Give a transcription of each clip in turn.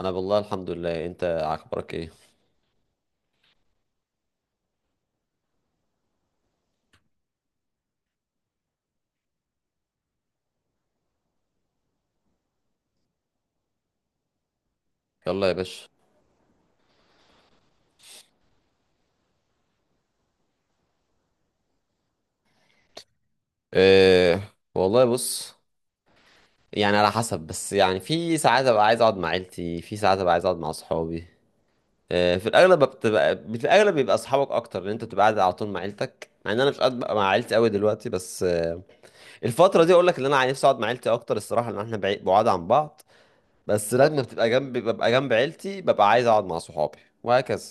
انا بالله الحمد لله، انت اخبارك ايه؟ يلا يا باشا. إيه والله، بص، يعني على حسب، بس يعني في ساعات ابقى عايز اقعد مع عيلتي، في ساعات ابقى عايز اقعد مع اصحابي. إيه، في الاغلب بيبقى اصحابك اكتر، لان انت بتبقى قاعد على طول مع عيلتك، مع ان انا مش قاعد بقى مع عيلتي قوي دلوقتي، بس الفتره دي اقول لك ان انا نفسي اقعد مع عيلتي اكتر الصراحه، لان احنا بعيد بعاد عن بعض. بس لما بتبقى جنب ببقى جنب عيلتي ببقى عايز اقعد مع صحابي، وهكذا.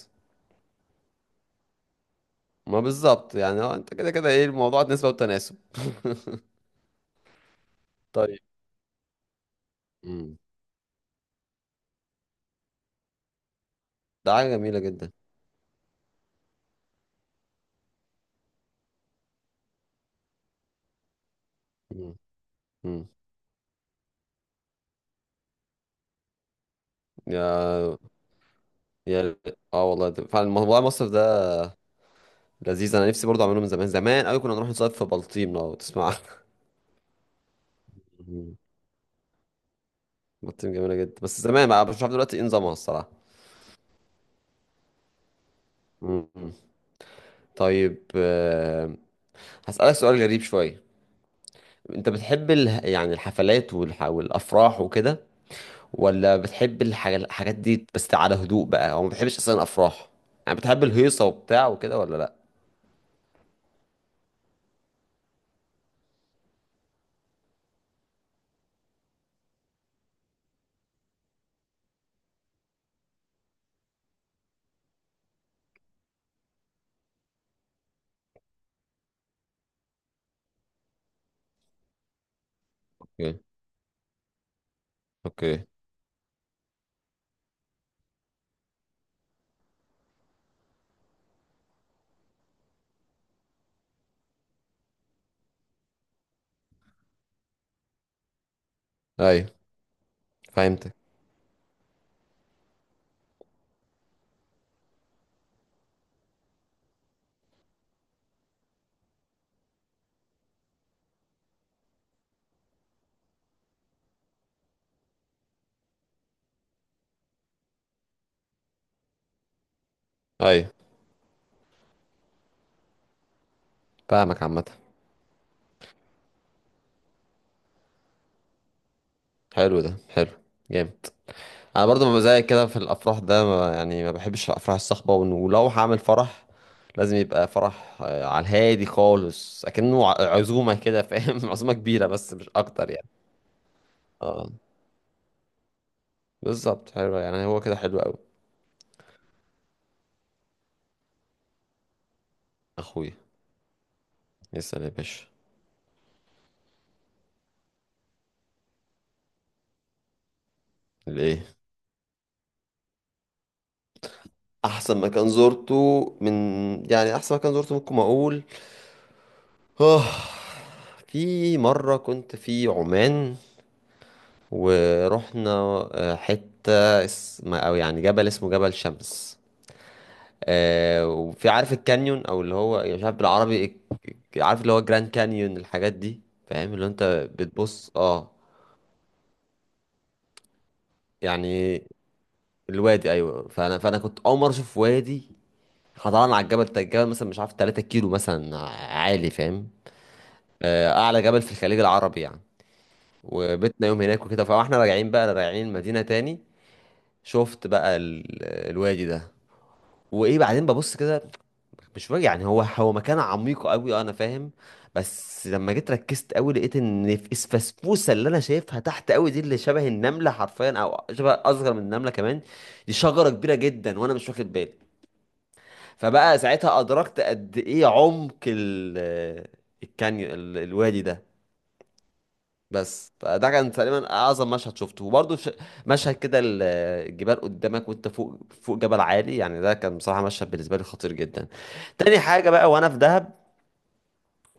ما بالظبط يعني، انت كده كده ايه، الموضوع نسبه وتناسب طيب. مم. ده حاجة جميلة جدا. مم. مم. يا يا اه والله ده فعلا موضوع مصيف ده لذيذ، انا نفسي برضه اعمله من زمان، زمان قوي كنا نروح نصيف في بلطيم لو تسمع عنها. مم. بلطيم جميلة جدا، بس زمان بقى مش عارف دلوقتي ايه نظامها الصراحة. مم. طيب، هسألك سؤال غريب شوية. انت بتحب يعني الحفلات والافراح وكده، ولا بتحب الحاجات دي بس على هدوء بقى، او ما بتحبش اصلا افراح؟ يعني بتحب الهيصة وبتاع وكده ولا لا؟ اوكي. اوكي. ايوه فهمتك. ايوه فاهمك عامة. حلو ده، حلو. جامد. انا برضو ما زيك كده في الافراح ده، ما يعني ما بحبش الافراح الصاخبة، ولو هعمل فرح لازم يبقى فرح، على الهادي خالص، اكنه عزومة كده، فاهم؟ عزومة كبيرة بس مش اكتر يعني. اه بالظبط، حلو يعني، هو كده حلو قوي. اخويا. يسأل يا باشا. الايه؟ احسن مكان زرته، من يعني احسن مكان زرته ممكن اقول، اه في مرة كنت في عمان، ورحنا حتة اسم، أو يعني جبل اسمه جبل شمس. وفي عارف الكانيون، أو اللي هو يعني مش عارف بالعربي عارف اللي هو جراند كانيون الحاجات دي، فاهم اللي هو أنت بتبص، اه؟ يعني الوادي، أيوه. فأنا كنت أول مرة أشوف وادي. طبعا على الجبل ده، الجبل مثلا مش عارف 3 كيلو مثلا، عالي فاهم. أعلى جبل في الخليج العربي يعني. وبيتنا يوم هناك وكده، فاحنا راجعين بقى راجعين المدينة تاني، شفت بقى الوادي ده، وايه بعدين، ببص كده مش فاهم يعني، هو مكان عميق قوي انا فاهم، بس لما جيت ركزت قوي لقيت ان في الفسفوسه اللي انا شايفها تحت قوي دي، اللي شبه النمله حرفيا، او شبه اصغر من النمله كمان، دي شجره كبيره جدا وانا مش واخد بالي. فبقى ساعتها ادركت قد ايه عمق الكانيون، الوادي ده. بس فده كان تقريبا اعظم مشهد شفته، وبرضه مشهد كده الجبال قدامك وانت فوق فوق جبل عالي، يعني ده كان بصراحه مشهد بالنسبه لي خطير جدا. تاني حاجه بقى، وانا في دهب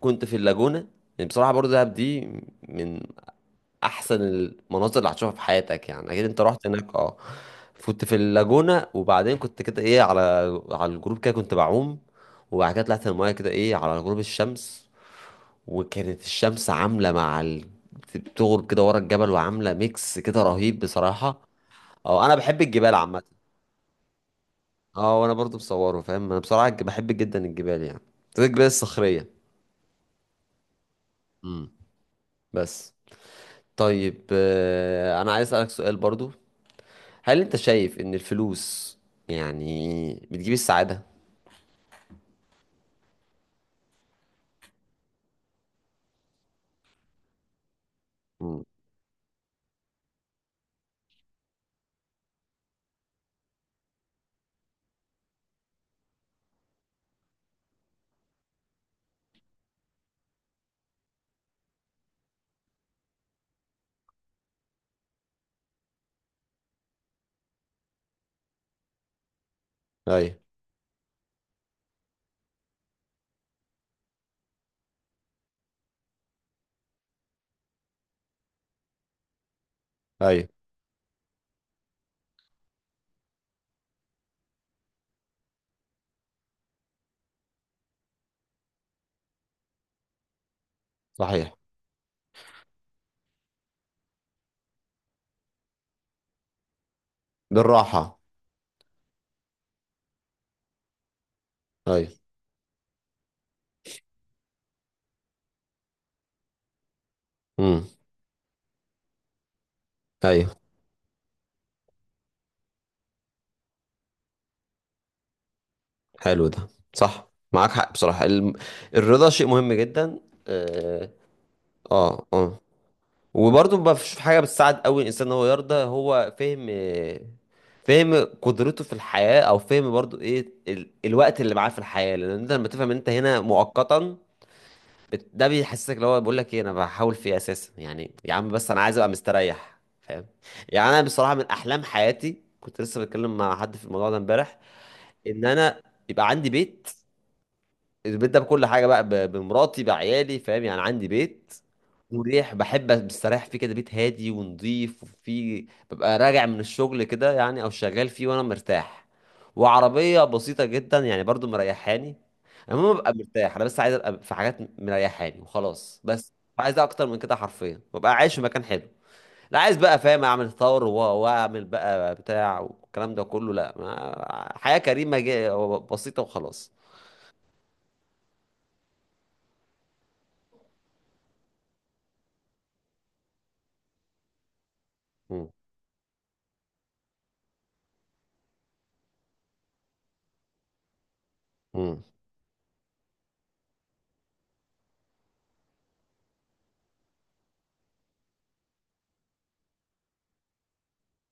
كنت في اللاجونه. يعني بصراحه برضه دهب دي من احسن المناظر اللي هتشوفها في حياتك يعني، اكيد انت رحت هناك، اه. كنت في اللاجونه، وبعدين كنت كده ايه، على الجروب كده كنت بعوم، وبعد كده طلعت المايه كده ايه على غروب الشمس، وكانت الشمس عاملة مع بتغرب كده ورا الجبل وعاملة ميكس كده رهيب بصراحة. اه انا بحب الجبال عامة. اه، وانا برضو بصوره، فاهم؟ انا بصراحة بحب جدا الجبال يعني، زي الجبال الصخرية. امم. بس. طيب، انا عايز اسألك سؤال برضو. هل انت شايف ان الفلوس يعني بتجيب السعادة؟ امم. ايوه. ايوه صحيح. بالراحة. ايوه. امم. ايوه حلو ده. صح معاك حق بصراحة، الرضا شيء مهم جدا. اه. اه. آه. وبرضه ما فيش حاجة بتساعد قوي الإنسان إن هو يرضى، هو فهم، فهم قدرته في الحياة، أو فهم برضه إيه الوقت اللي معاه في الحياة، لأن أنت لما تفهم إن أنت هنا مؤقتا، ده بيحسسك اللي هو بيقول لك إيه، أنا بحاول في إيه أساسا يعني، يا عم بس أنا عايز أبقى مستريح فاهم. يعني أنا بصراحة من أحلام حياتي، كنت لسه بتكلم مع حد في الموضوع ده امبارح، إن أنا يبقى عندي بيت. البيت ده بكل حاجه بقى، بمراتي بعيالي فاهم يعني عندي بيت مريح، بحب مستريح فيه كده، بيت هادي ونظيف وفيه ببقى راجع من الشغل كده يعني، او شغال فيه وانا مرتاح، وعربيه بسيطه جدا يعني برضو مريحاني. المهم ببقى مرتاح، انا بس عايز ابقى في حاجات مريحاني وخلاص بس. مش عايز اكتر من كده حرفيا، ببقى عايش في مكان حلو، لا عايز بقى فاهم اعمل ثور واعمل بقى بتاع والكلام ده كله، لا، ما حياه كريمه بسيطه وخلاص. مم.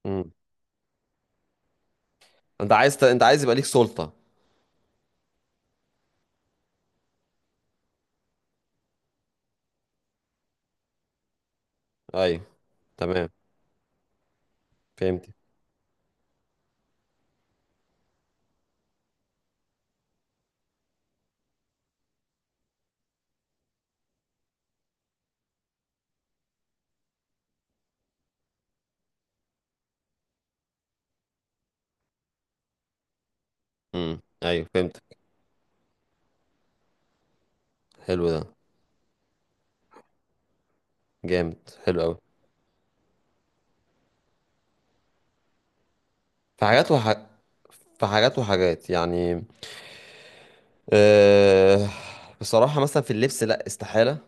مم. انت عايز انت عايز يبقى ليك سلطة؟ ايوه. تمام. فهمت. امم. ايوه فهمت. حلو ده. جامد حلو قوي. في حاجات في حاجات وحاجات يعني، أه... بصراحة مثلا في اللبس لا استحالة،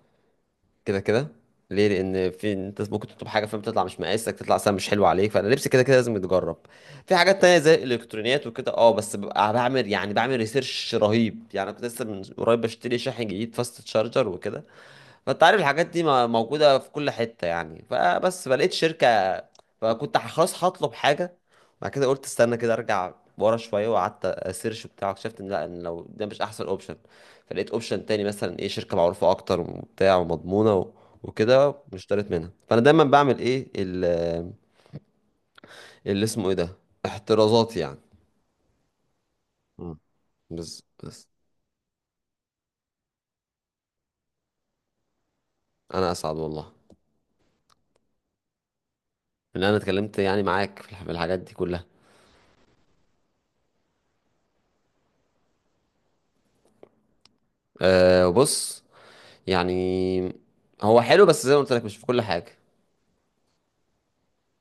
كده كده. ليه؟ لان في انت ممكن تطلب حاجه فاهم، تطلع مش مقاسك، تطلع سهل مش حلو عليك، فانا لبسي كده كده لازم يتجرب. في حاجات تانية زي الالكترونيات وكده، اه، بس ببقى بعمل يعني بعمل ريسيرش رهيب يعني، كنت لسه من قريب بشتري شاحن جديد، فاست تشارجر وكده، فانت عارف الحاجات دي موجودة في كل حتة يعني، فبس فلقيت شركة، فكنت خلاص هطلب حاجة. بعد كده قلت استنى كده، ارجع ورا شوية، وقعدت اسيرش بتاع، اكتشفت ان لا، ان لو ده مش احسن اوبشن، فلقيت اوبشن تاني مثلا ايه، شركة معروفة اكتر وبتاع ومضمونة وكده، واشتريت منها، فانا دايما بعمل ايه اللي اسمه ايه ده، احترازات يعني. مم. بس. انا اسعد والله. ان انا اتكلمت يعني معاك في في الحاجات دي كلها. أه بص، يعني هو حلو بس زي ما قلت لك مش في كل حاجة